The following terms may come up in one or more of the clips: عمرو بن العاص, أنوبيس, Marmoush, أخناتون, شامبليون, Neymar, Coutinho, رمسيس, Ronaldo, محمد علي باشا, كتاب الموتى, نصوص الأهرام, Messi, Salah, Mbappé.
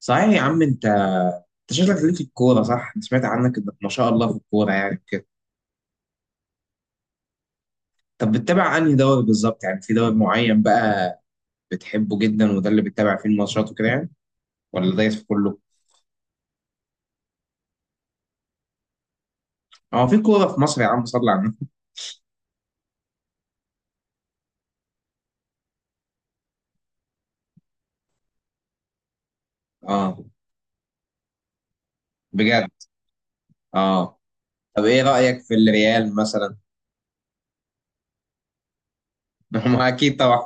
صحيح يا عم انت. انت شكلك ليك في الكوره، صح؟ انا سمعت عنك انك ما شاء الله في الكوره يعني كده. طب بتتابع انهي دوري بالظبط، يعني في دوري معين بقى بتحبه جدا وده اللي بتتابع فيه الماتشات وكده يعني، ولا دايس في كله؟ اه، في كوره في مصر يا عم، صلي على النبي. اه، بجد. اه، طب ايه رايك في الريال مثلا؟ ما اكيد طبعا.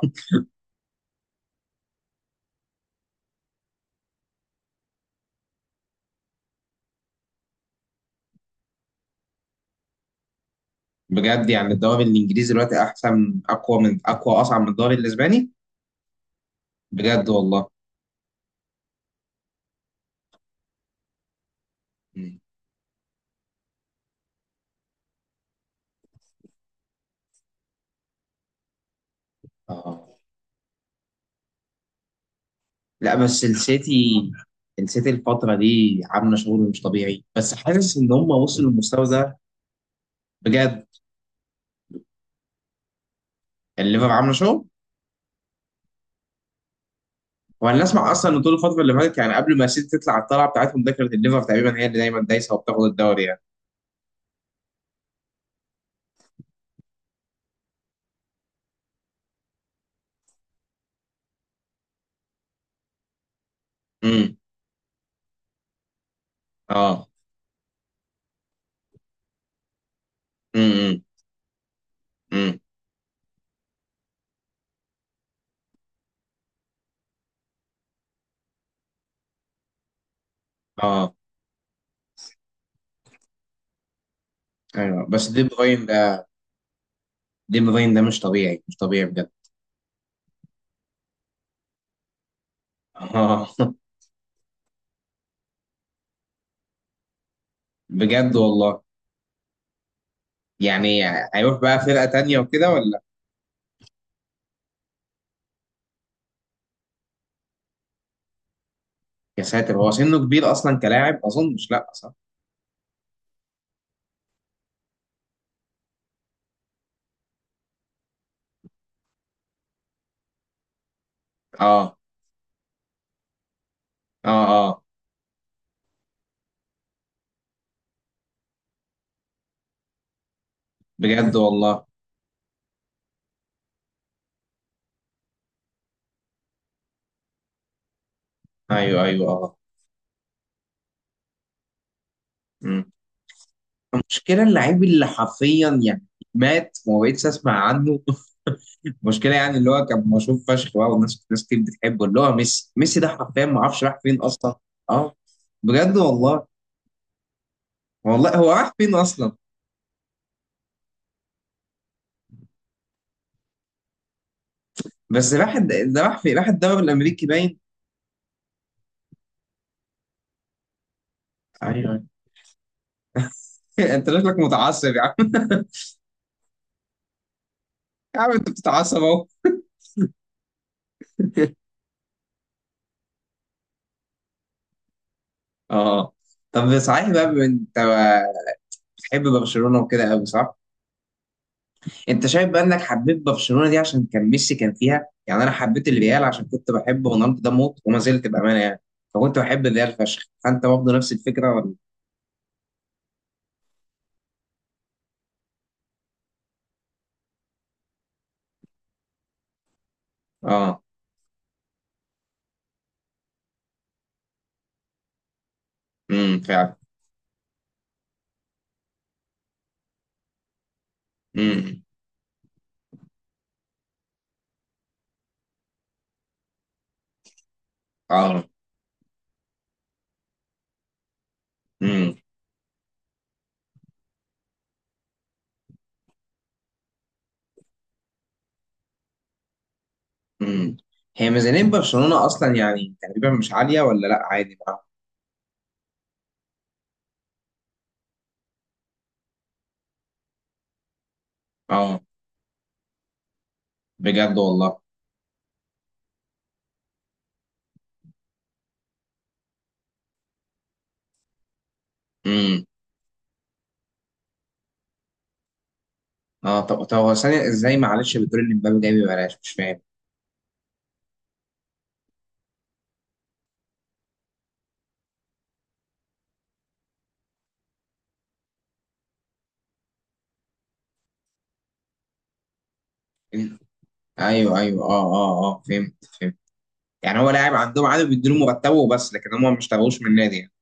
بجد، يعني الدوري الانجليزي دلوقتي احسن، اقوى من اقوى، اصعب من الدوري الاسباني. بجد والله. مم. اه، لا بس السيتي. السيتي الفترة دي عاملة شغل مش طبيعي، بس حاسس إن هم وصلوا للمستوى ده. بجد، يعني الليفر عاملة شغل. وأنا أسمع أصلا إن طول الفترة اللي فاتت، يعني قبل ما السيتي تطلع على الطلعة بتاعتهم ده، كانت الليفر تقريبا هي اللي دايما دايسة وبتاخد الدوري يعني. امم. اه. امم. امم. اه. ايوه، بس دي بروين ده. دي بروين ده مش طبيعي، مش طبيعي بجد. اه. بجد والله. يعني هيروح بقى فرقة تانية وكده ولا؟ يا ساتر، هو سنه كبير أصلا كلاعب أظن، مش، لا صح. اه. اه. آه. بجد والله. ايوه ايوه اه. مم. المشكله اللعيب اللي حرفيا يعني مات، وما بقتش اسمع عنه. المشكله يعني اللي هو كان مشهور فشخ بقى، والناس ناس كتير بتحبه، اللي هو ميسي. ميسي ده حرفيا ما اعرفش راح فين اصلا. اه. بجد والله. والله هو راح فين اصلا؟ بس راح ده راح فين، راح الدوري الامريكي باين. ايوه. انت شكلك متعصب يا عم. يا عم انت بتتعصب اهو. اه. طب صحيح بقى، بما إن انت بتحب برشلونه وكده قوي، صح؟ انت شايف بقى انك حبيت برشلونه دي عشان كان ميسي كان فيها؟ يعني انا حبيت الريال عشان كنت بحب رونالدو ده موت، وما زلت بامانه يعني، فكنت بحب الريال فشخ، فانت برضه نفس الفكره ولا؟ اه. امم، فعلا. امم. اه. امم. امم. هي ميزانيه برشلونه اصلا يعني تقريبا مش عاليه، ولا لا، عادي بقى؟ اه. بجد والله. امم. اه، طب هو ثانيه، ازاي معلش؟ بتقول ان مبابي جاي ببلاش، مش فاهم. ايوه ايوه اه اه اه، فهمت فهمت. يعني هو لاعب عندهم عادي، بيدوا له مرتبه وبس، لكن هم ما اشتغلوش من النادي يعني.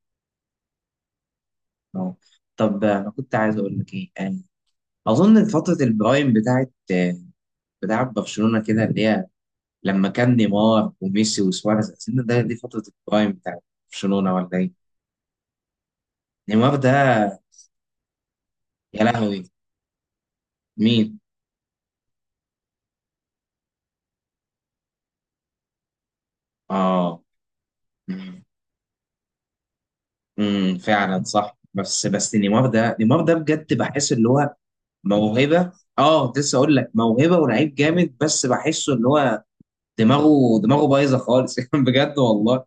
اه، طب انا كنت عايز اقول لك ايه. اظن فتره البرايم بتاعت بتاعت برشلونه كده، اللي هي لما كان نيمار وميسي وسواريز. اظن ده دي فتره البرايم بتاعت برشلونه ولا ايه؟ نيمار ده. يا لهوي. مين؟ اه. امم، فعلا صح. بس نيمار ده بجد بحس اللي هو موهبه. اه، كنت لسه اقول لك موهبه ولعيب جامد، بس بحسه اللي هو دماغه بايظه خالص. بجد والله.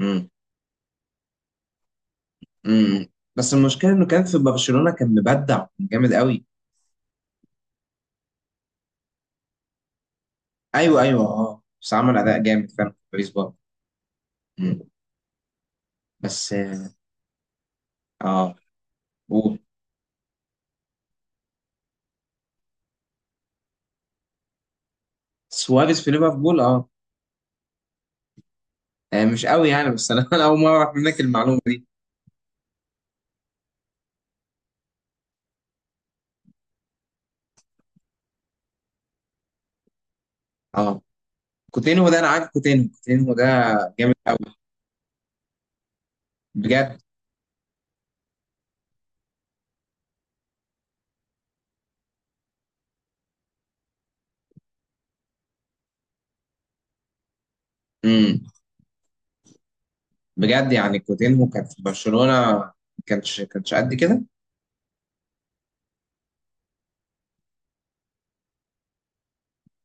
امم. امم. بس المشكله انه كان في برشلونه كان مبدع، كان جامد قوي. ايوه ايوه اه، بس عمل اداء جامد فعلا في باريس برضه. امم. بس اه. آه. وسواريز في ليفربول اه. آه، مش قوي يعني، بس انا أنا اول مره اعرف منك المعلومه دي. اه. كوتينهو ده انا عارف. كوتينهو ده جامد قوي. بجد. امم. بجد، يعني كوتينهو كان في برشلونه ما كانش قد كده.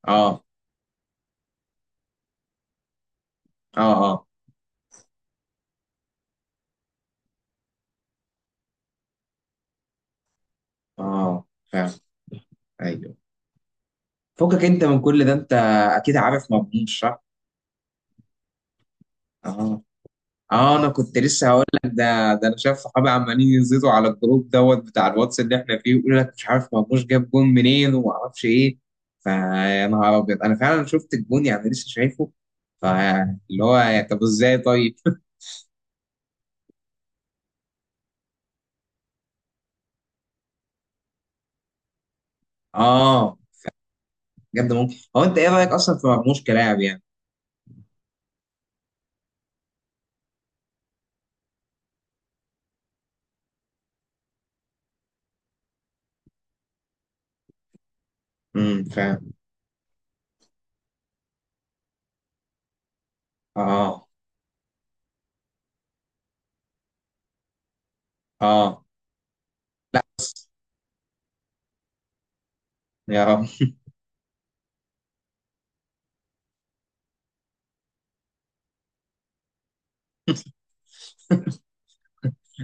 اه اه اه اه، فعلا. ايوه. فكك انت من كل ده، انت اكيد عارف مضمون، صح؟ اه. اه، انا كنت لسه هقول لك ده انا شايف صحابي عمالين يزيدوا على الجروب دوت بتاع الواتس اللي احنا فيه، ويقول لك مش عارف مرموش جاب جون منين، وما اعرفش ايه. فيا نهار ابيض، انا فعلا شفت الجون يعني لسه شايفه. فاللي هو يعني طب، ازاي طيب؟ اه، بجد ممكن. هو انت ايه رايك اصلا في مرموش كلاعب يعني؟ امم، فاهم. اه. اه. يا رب.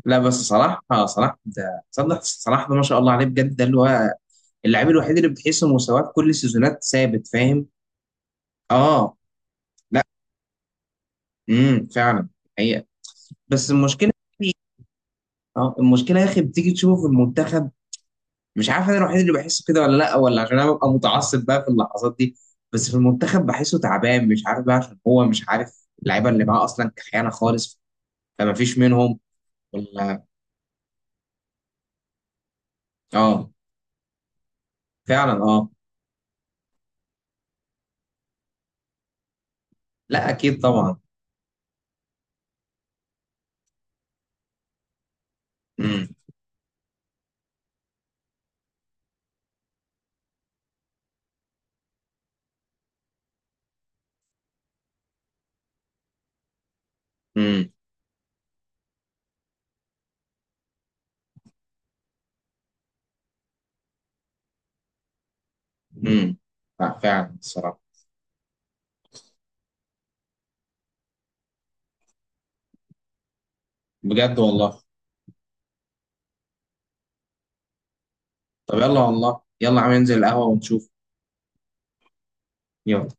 لا، بس صلاح، آه صلاح ده، صلاح ده ما شاء الله عليه بجد. ده اللي هو اللاعب الوحيد اللي بتحس إن مستواه في كل السيزونات ثابت، فاهم. اه. لا. امم، فعلا. حقيقة. بس المشكله. اه، المشكله يا اخي بتيجي تشوفه في المنتخب. مش عارف انا الوحيد اللي بحسه كده ولا لا، ولا عشان انا ببقى متعصب بقى في اللحظات دي. بس في المنتخب بحسه تعبان، مش عارف بقى عشان هو مش عارف، اللعيبه اللي معاه اصلا كخيانه خالص، فما فيش منهم. ولا. اه، فعلا. اه. لا، اكيد طبعا. امم. امم. امم. لا، فعلا الصراحه. بجد والله. طب يلا والله، يلا عم، ننزل القهوه ونشوف. نعم.